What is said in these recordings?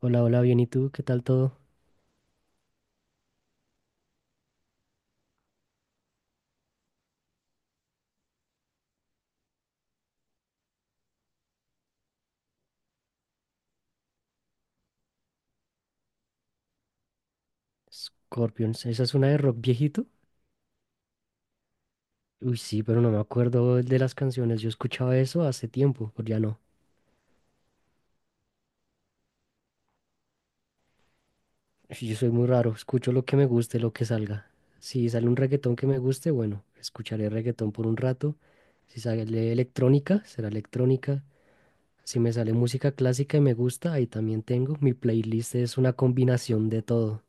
Hola, hola, bien, ¿y tú? ¿Qué tal todo? Scorpions, ¿esa es una de rock viejito? Uy, sí, pero no me acuerdo de las canciones. Yo escuchaba eso hace tiempo, pero ya no. Sí, yo soy muy raro, escucho lo que me guste, lo que salga. Si sale un reggaetón que me guste, bueno, escucharé reggaetón por un rato. Si sale electrónica, será electrónica. Si me sale música clásica y me gusta, ahí también tengo. Mi playlist es una combinación de todo.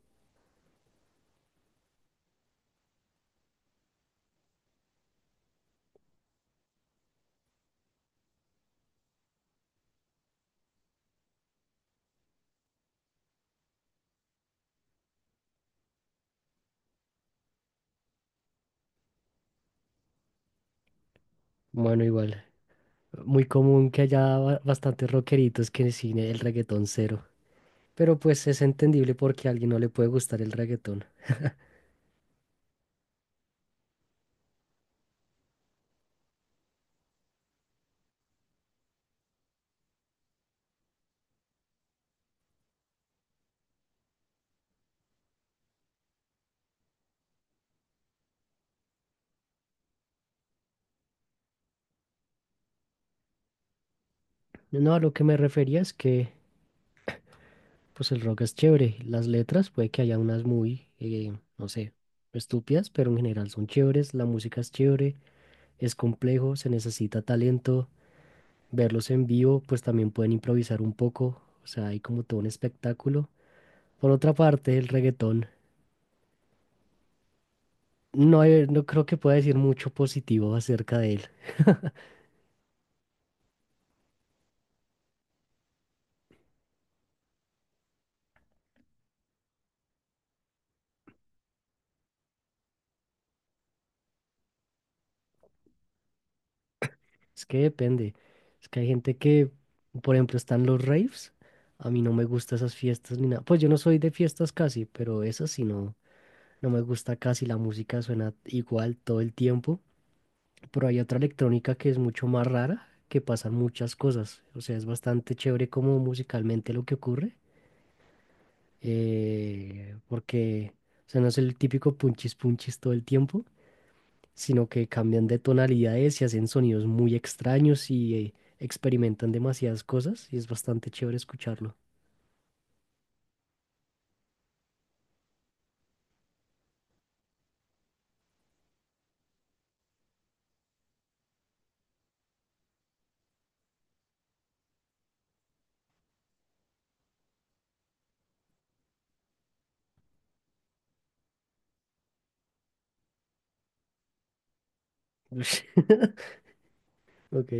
Bueno, igual, muy común que haya bastantes rockeritos que sin el reggaetón cero. Pero pues es entendible porque a alguien no le puede gustar el reggaetón. No, a lo que me refería es que pues el rock es chévere. Las letras puede que haya unas muy, no sé, estúpidas, pero en general son chéveres. La música es chévere, es complejo, se necesita talento. Verlos en vivo, pues también pueden improvisar un poco. O sea, hay como todo un espectáculo. Por otra parte, el reggaetón, no, no creo que pueda decir mucho positivo acerca de él. Es que depende. Es que hay gente que, por ejemplo, están los raves. A mí no me gustan esas fiestas ni nada. Pues yo no soy de fiestas casi, pero esas sí no, no me gusta casi. La música suena igual todo el tiempo. Pero hay otra electrónica que es mucho más rara, que pasan muchas cosas. O sea, es bastante chévere como musicalmente lo que ocurre. Porque, o sea, no es el típico punchis punchis todo el tiempo, sino que cambian de tonalidades y hacen sonidos muy extraños y experimentan demasiadas cosas y es bastante chévere escucharlo. Ush. Ok.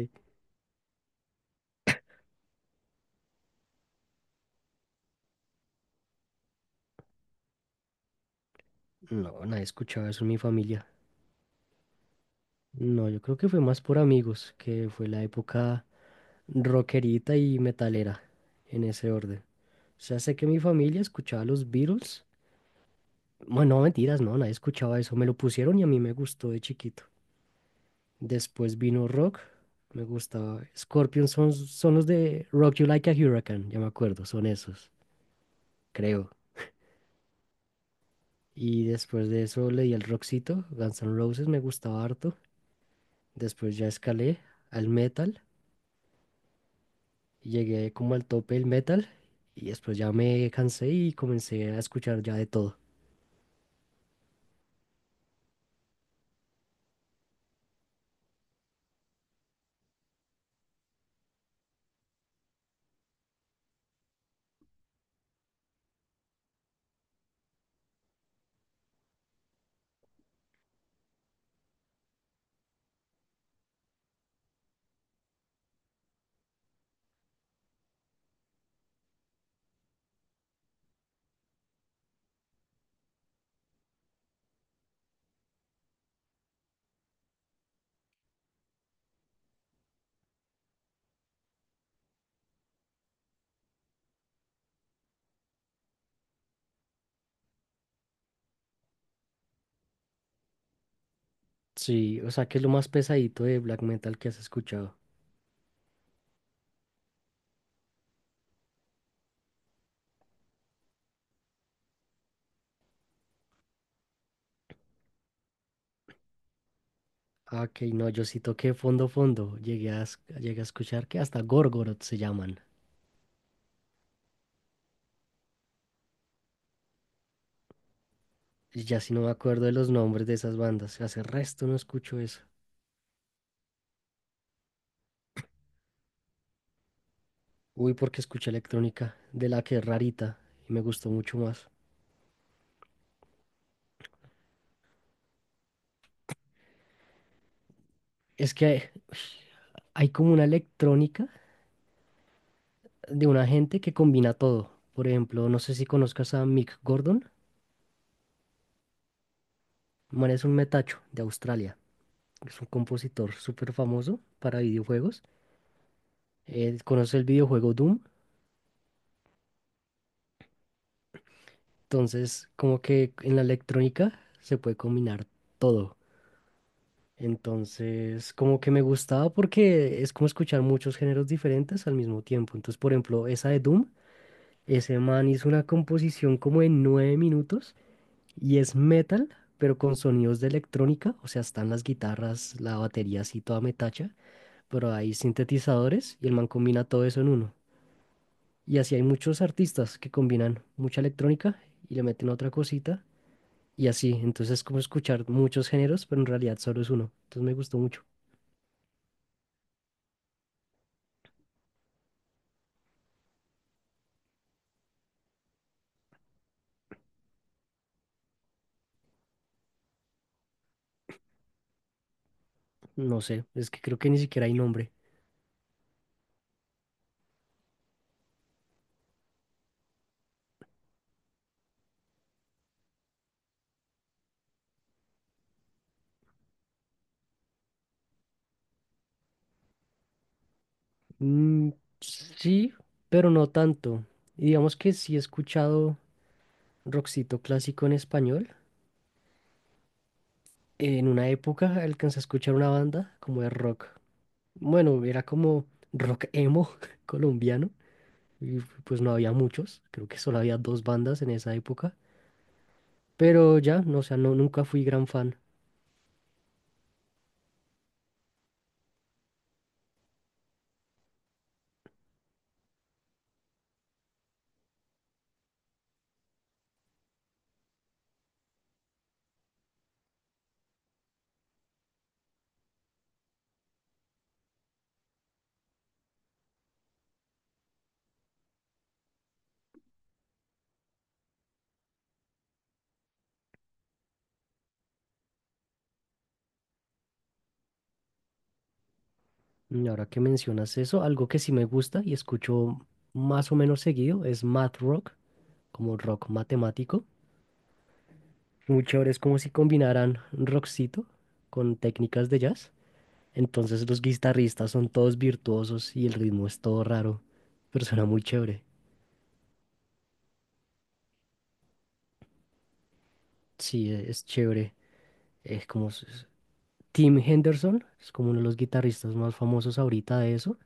No, nadie escuchaba eso en mi familia. No, yo creo que fue más por amigos, que fue la época rockerita y metalera, en ese orden. O sea, sé que mi familia escuchaba los Beatles. Bueno, no, mentiras, no, nadie escuchaba eso. Me lo pusieron y a mí me gustó de chiquito. Después vino rock. Me gustaba. Scorpions son los de Rock You Like a Hurricane, ya me acuerdo, son esos, creo. Y después de eso leí el rockcito, Guns N' Roses me gustaba harto. Después ya escalé al metal, y llegué como al tope del metal y después ya me cansé y comencé a escuchar ya de todo. Sí, o sea, que es lo más pesadito de black metal que has escuchado. Ah, ok, no, yo sí toqué fondo fondo. Llegué a, llegué a escuchar que hasta Gorgoroth se llaman. Y ya si no me acuerdo de los nombres de esas bandas, hace resto no escucho eso. Uy, porque escuché electrónica, de la que es rarita, y me gustó mucho más. Es que hay hay como una electrónica de una gente que combina todo. Por ejemplo, no sé si conozcas a Mick Gordon, el man es un metacho de Australia, es un compositor súper famoso para videojuegos. Él conoce el videojuego Doom, entonces como que en la electrónica se puede combinar todo. Entonces, como que me gustaba porque es como escuchar muchos géneros diferentes al mismo tiempo. Entonces, por ejemplo, esa de Doom, ese man hizo una composición como en 9 minutos y es metal, pero con sonidos de electrónica. O sea, están las guitarras, la batería así toda metacha, pero hay sintetizadores y el man combina todo eso en uno. Y así hay muchos artistas que combinan mucha electrónica y le meten otra cosita y así. Entonces, es como escuchar muchos géneros, pero en realidad solo es uno. Entonces, me gustó mucho. No sé, es que creo que ni siquiera hay nombre. Mm, sí, pero no tanto. Y digamos que sí he escuchado rockcito clásico en español. En una época alcancé a escuchar una banda como de rock. Bueno, era como rock emo colombiano. Y pues no había muchos. Creo que solo había dos bandas en esa época. Pero ya, no, o sea, no, nunca fui gran fan. Y ahora que mencionas eso, algo que sí me gusta y escucho más o menos seguido es math rock, como rock matemático. Muy chévere, es como si combinaran rockcito con técnicas de jazz. Entonces los guitarristas son todos virtuosos y el ritmo es todo raro, pero suena muy chévere. Sí, es chévere. Es como Tim Henderson, es como uno de los guitarristas más famosos ahorita de eso.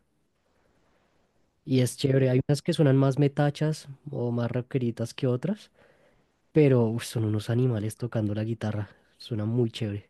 Y es chévere, hay unas que suenan más metachas o más rockeritas que otras, pero uf, son unos animales tocando la guitarra, suena muy chévere.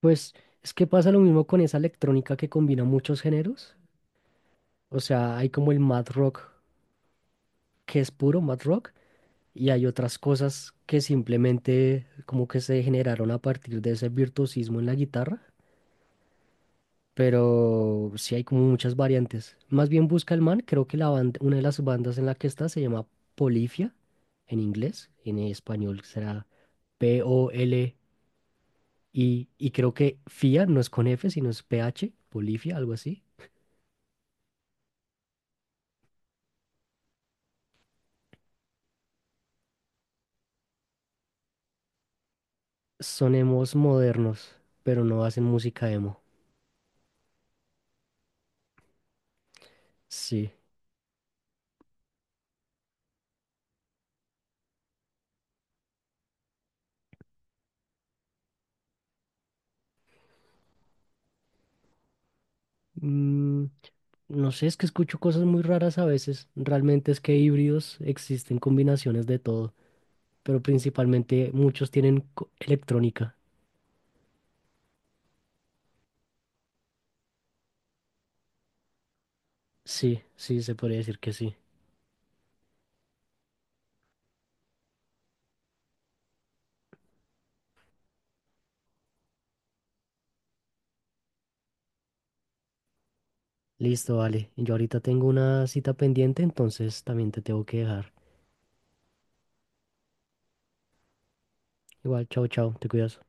Pues es que pasa lo mismo con esa electrónica que combina muchos géneros. O sea, hay como el mad rock que es puro mad rock y hay otras cosas que simplemente como que se generaron a partir de ese virtuosismo en la guitarra, pero sí hay como muchas variantes. Más bien busca el man, creo que la banda, una de las bandas en la que está se llama Polifia en inglés, en español será P-O-L-I y creo que FIA no es con F, sino es P H Polifia, algo así. Son emos modernos, pero no hacen música emo. Sí. Mm, no sé, es que escucho cosas muy raras a veces. Realmente es que híbridos existen combinaciones de todo, pero principalmente muchos tienen electrónica. Sí, sí, se podría decir que sí. Listo, vale. Yo ahorita tengo una cita pendiente, entonces también te tengo que dejar. Igual, chao, chao, te cuidas.